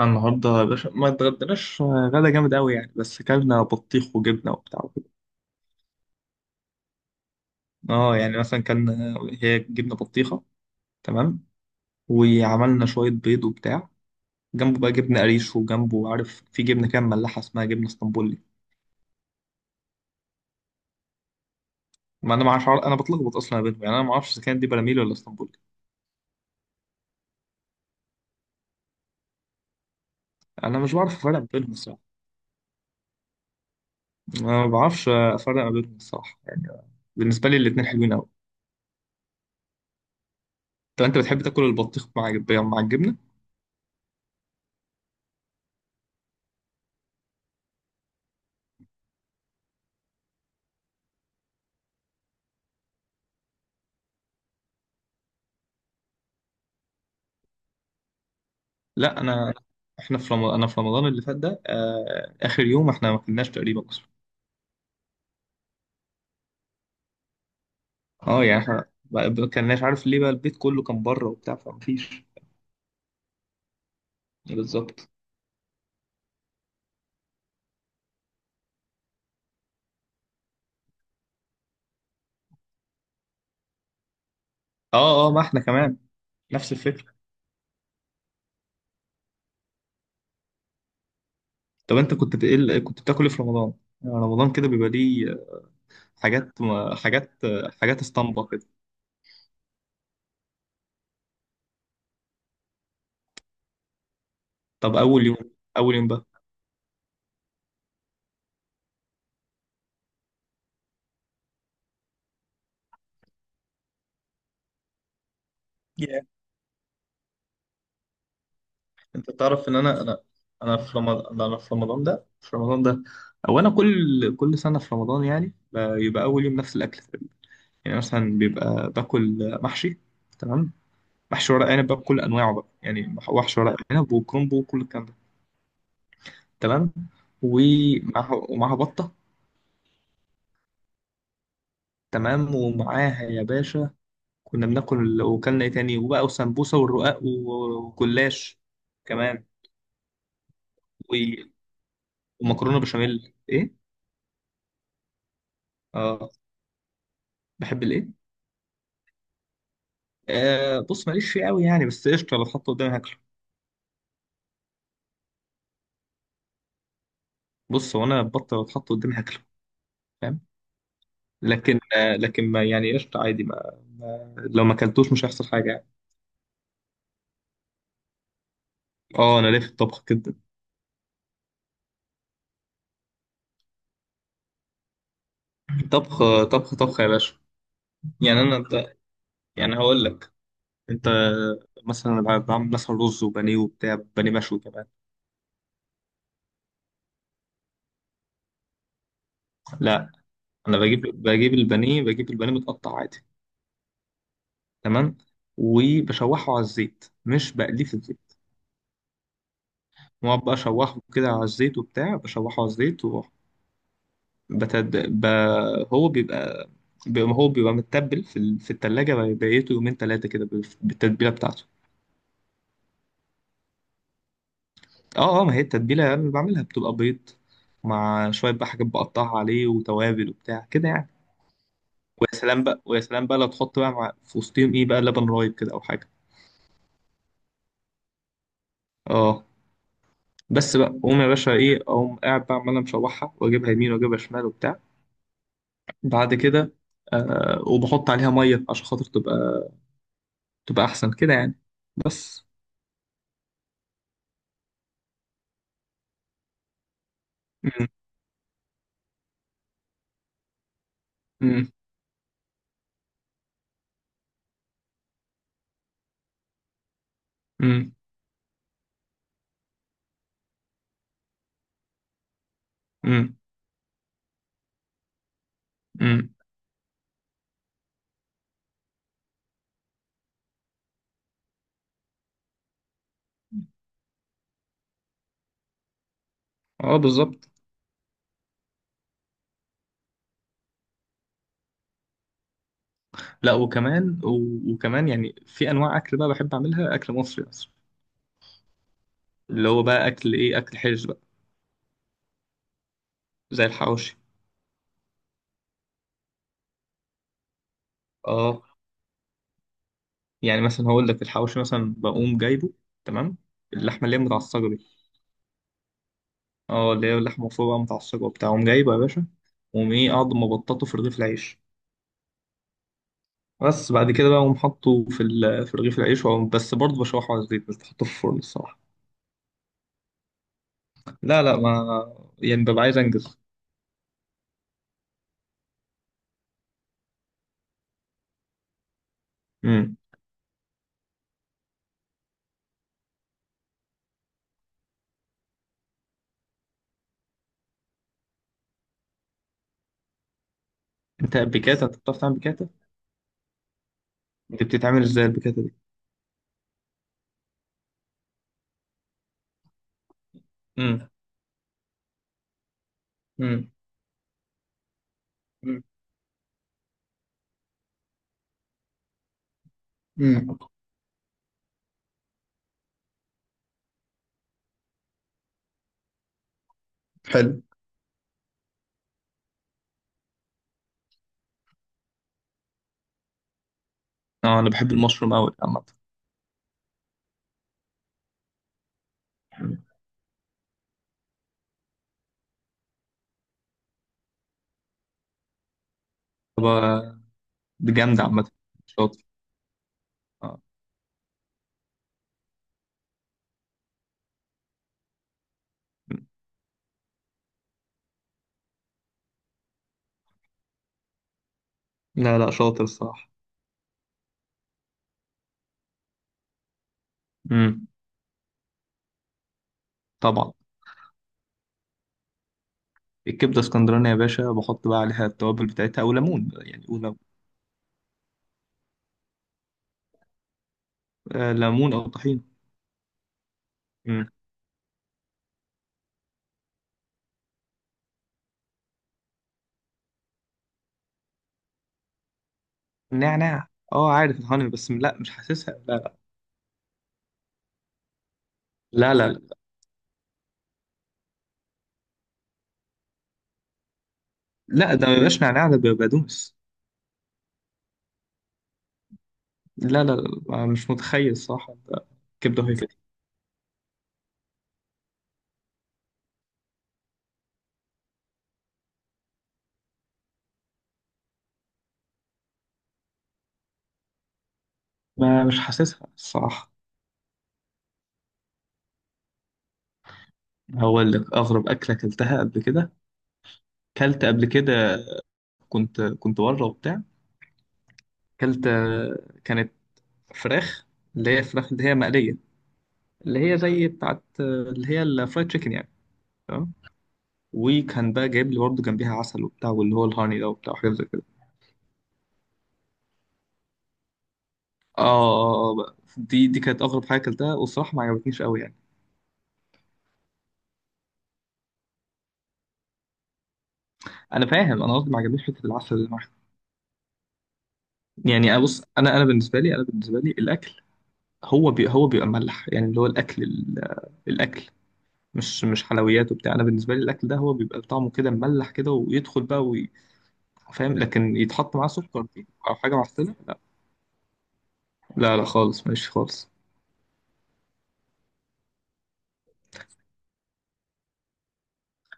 أنا النهارده يا باشا ما اتغدناش غدا جامد قوي يعني، بس كلنا بطيخ وجبنه وبتاع وكده. اه، يعني مثلا كان. هي جبنه بطيخه. تمام. وعملنا شويه بيض وبتاع. جنبه بقى جبنه قريش، وجنبه عارف في جبنه كده مملحه اسمها جبنه اسطنبولي. ما انا ما اعرفش، انا بتلخبط اصلا ما بينهم يعني، انا ما اعرفش اذا كانت دي براميل ولا اسطنبولي. انا مش بعرف افرق ما بينهم الصراحه. أنا ما بعرفش افرق ما بينهم الصراحه يعني. بالنسبه لي الاتنين حلوين قوي. طب انت بتحب تاكل البطيخ مع الجبنه؟ لا انا. احنا في رمضان انا في رمضان اللي فات ده اخر يوم احنا ما كناش تقريبا اصلا. اه يعني احنا ما كناش، عارف ليه؟ بقى البيت كله كان بره وبتاع فمفيش. بالظبط. اه، اه، ما احنا كمان. نفس الفكره. طب انت كنت كنت بتاكل إيه في رمضان؟ يعني رمضان كده بيبقى ليه؟ حاجات حاجات حاجات اسطمبه كده. طب اول يوم. اول يوم بقى. yeah. انت تعرف ان انا انا. في رمضان انا في رمضان ده في رمضان ده، او انا كل سنه في رمضان يعني بيبقى اول يوم نفس الاكل. يعني مثلا بيبقى باكل محشي. تمام. محشي ورق عنب بقى بكل انواعه بقى، يعني محشي ورق عنب وكرومبو وكل الكلام ده. تمام. ومعاها بطه. تمام، ومعاها يا باشا كنا بناكل، وكلنا ايه تاني؟ وبقى وسمبوسه والرقاق وجلاش كمان، و- ومكرونه بشاميل ايه. اه بحب الايه؟ آه، بص ماليش فيه قوي يعني، بس قشطه لو اتحط قدامي هاكله. بص هو انا البطه لو اتحط قدامي هاكله. فاهم. لكن ما يعني، قشطة عادي ما. لو ما اكلتوش مش هيحصل حاجة يعني. اه انا ليه في الطبخ كده. طبخ طبخ طبخ يا باشا. يعني انا انت. يعني هقول لك. انت. مثلا أنا بعمل مثلا رز وبانيه وبتاع، بانيه مشوي كمان. لا، انا بجيب، البانيه متقطع عادي. تمام. وبشوحه على الزيت، مش بقليه في الزيت. واقعد بقى اشوحه كده على الزيت وبتاع، بشوحه على الزيت. بتد... ب... هو بيبقى. هو بيبقى متبل في التلاجة بقيته يومين تلاتة كده بالتتبيلة بتاعته. اه اه، ما هي التتبيلة اللي بعملها بتبقى بيض، مع شوية بقى حاجات بقطعها عليه وتوابل وبتاع كده يعني. ويا سلام بقى، ويا سلام بقى لو تحط بقى في وسطهم ايه بقى، لبن رايب كده او حاجة. اه. بس بقى قوم يا باشا، ايه؟ اقوم قاعد بقى عمال مشوحها، واجيبها يمين واجيبها شمال وبتاع. بعد كده وبحط عليها مية عشان خاطر تبقى، تبقى احسن كده يعني. بس. مم. امم امم امم. اه بالظبط. لا، وكمان يعني في انواع اكل بقى بحب اعملها، اكل مصري اصلا. اللي هو بقى اكل ايه، اكل حرش بقى. زي الحواوشي. اه، يعني مثلا هقول لك، الحواوشي مثلا بقوم جايبه. تمام. اللحمه اللي هي متعصجه دي. اه، اللي هي اللحمه مفرومه بقى متعصجه وبتاع، اقوم جايبه يا باشا، واقوم ايه، اقعد مبططه في رغيف العيش. بس بعد كده بقى اقوم حاطه في رغيف العيش، بس برضه بشوحه على الزيت، مش بحطه في الفرن الصراحه. لا لا، ما يعني ببقى عايز انجز. امم. انت بيكاتا، انت بتعرف تعمل بيكاتا؟ انت بتتعمل ازاي البيكاتا دي؟ امم امم امم. أمم. حلو. اه انا بحب المشروم قوي عامه. طب، دي جامده عامه. شاطر. آه. مم. لا لا، شاطر الصراحه. امم. طبعا. الكبده اسكندراني يا باشا، بحط بقى عليها التوابل بتاعتها، او ليمون يعني، او ليمون او طحينه. امم. نعناع. اه عارف الهاني، بس لا مش حاسسها، لا لا لا لا. لا ده ما بيبقاش نعناع، ده بيبقى بقدونس. لا لا لا، مش متخيل صح ده. كبده وهي كده. ما مش حاسسها الصراحة. هقول لك أغرب أكلة أكلتها قبل كده. كلت قبل كده، كنت بره وبتاع، كلت كانت فراخ، اللي هي فراخ اللي هي مقلية. اللي هي زي بتاعت اللي هي الفرايد تشيكن يعني. تمام. وكان بقى جايب لي برضه جنبيها عسل وبتاع، واللي هو الهاني ده وبتاع وحاجات زي كده. اه اه اه بقى. دي كانت أغرب حاجة أكلتها، والصراحة ما عجبتنيش قوي يعني. أنا فاهم، أنا قصدي ما عجبنيش فكرة العسل اللي معاها. يعني أبص، أنا بالنسبة لي الأكل، هو بيبقى ملح يعني، اللي هو الاكل الاكل، مش حلويات وبتاع. انا بالنسبه لي الاكل ده هو بيبقى طعمه كده مملح كده ويدخل بقى فاهم؟ لكن يتحط معاه سكر دي او حاجه معفنه، لا. لا لا، خالص ماليش خالص.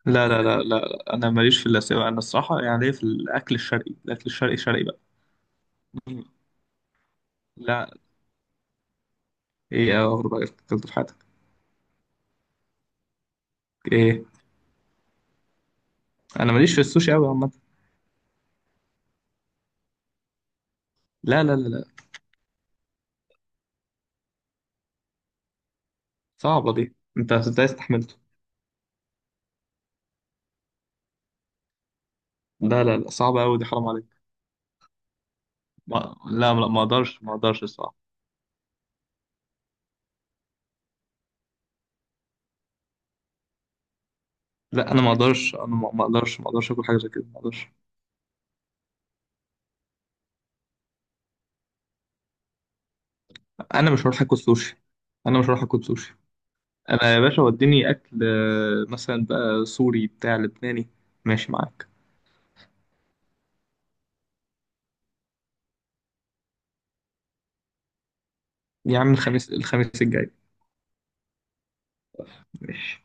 لا لا لا لا، انا ماليش في الاسيوي، انا الصراحه يعني ليا في الاكل الشرقي، الاكل الشرقي شرقي بقى. مم. لا. ايه اغرب أكل اكلته في حياتك؟ ايه؟ انا ماليش في السوشي قوي عامه. لا لا لا لا، صعبه دي، انت ازاي استحملته؟ لا لا لا، صعبه قوي دي، حرام عليك. ما... لا لا، ما اقدرش ما اقدرش. لا انا ما اقدرش، انا ما اقدرش ما اقدرش اكل حاجه زي كده، ما اقدرش. انا مش هروح اكل سوشي. انا مش هروح اكل سوشي. انا يا باشا وديني اكل مثلا بقى سوري، بتاع لبناني. ماشي معاك. يا عم الخميس الجاي. ماشي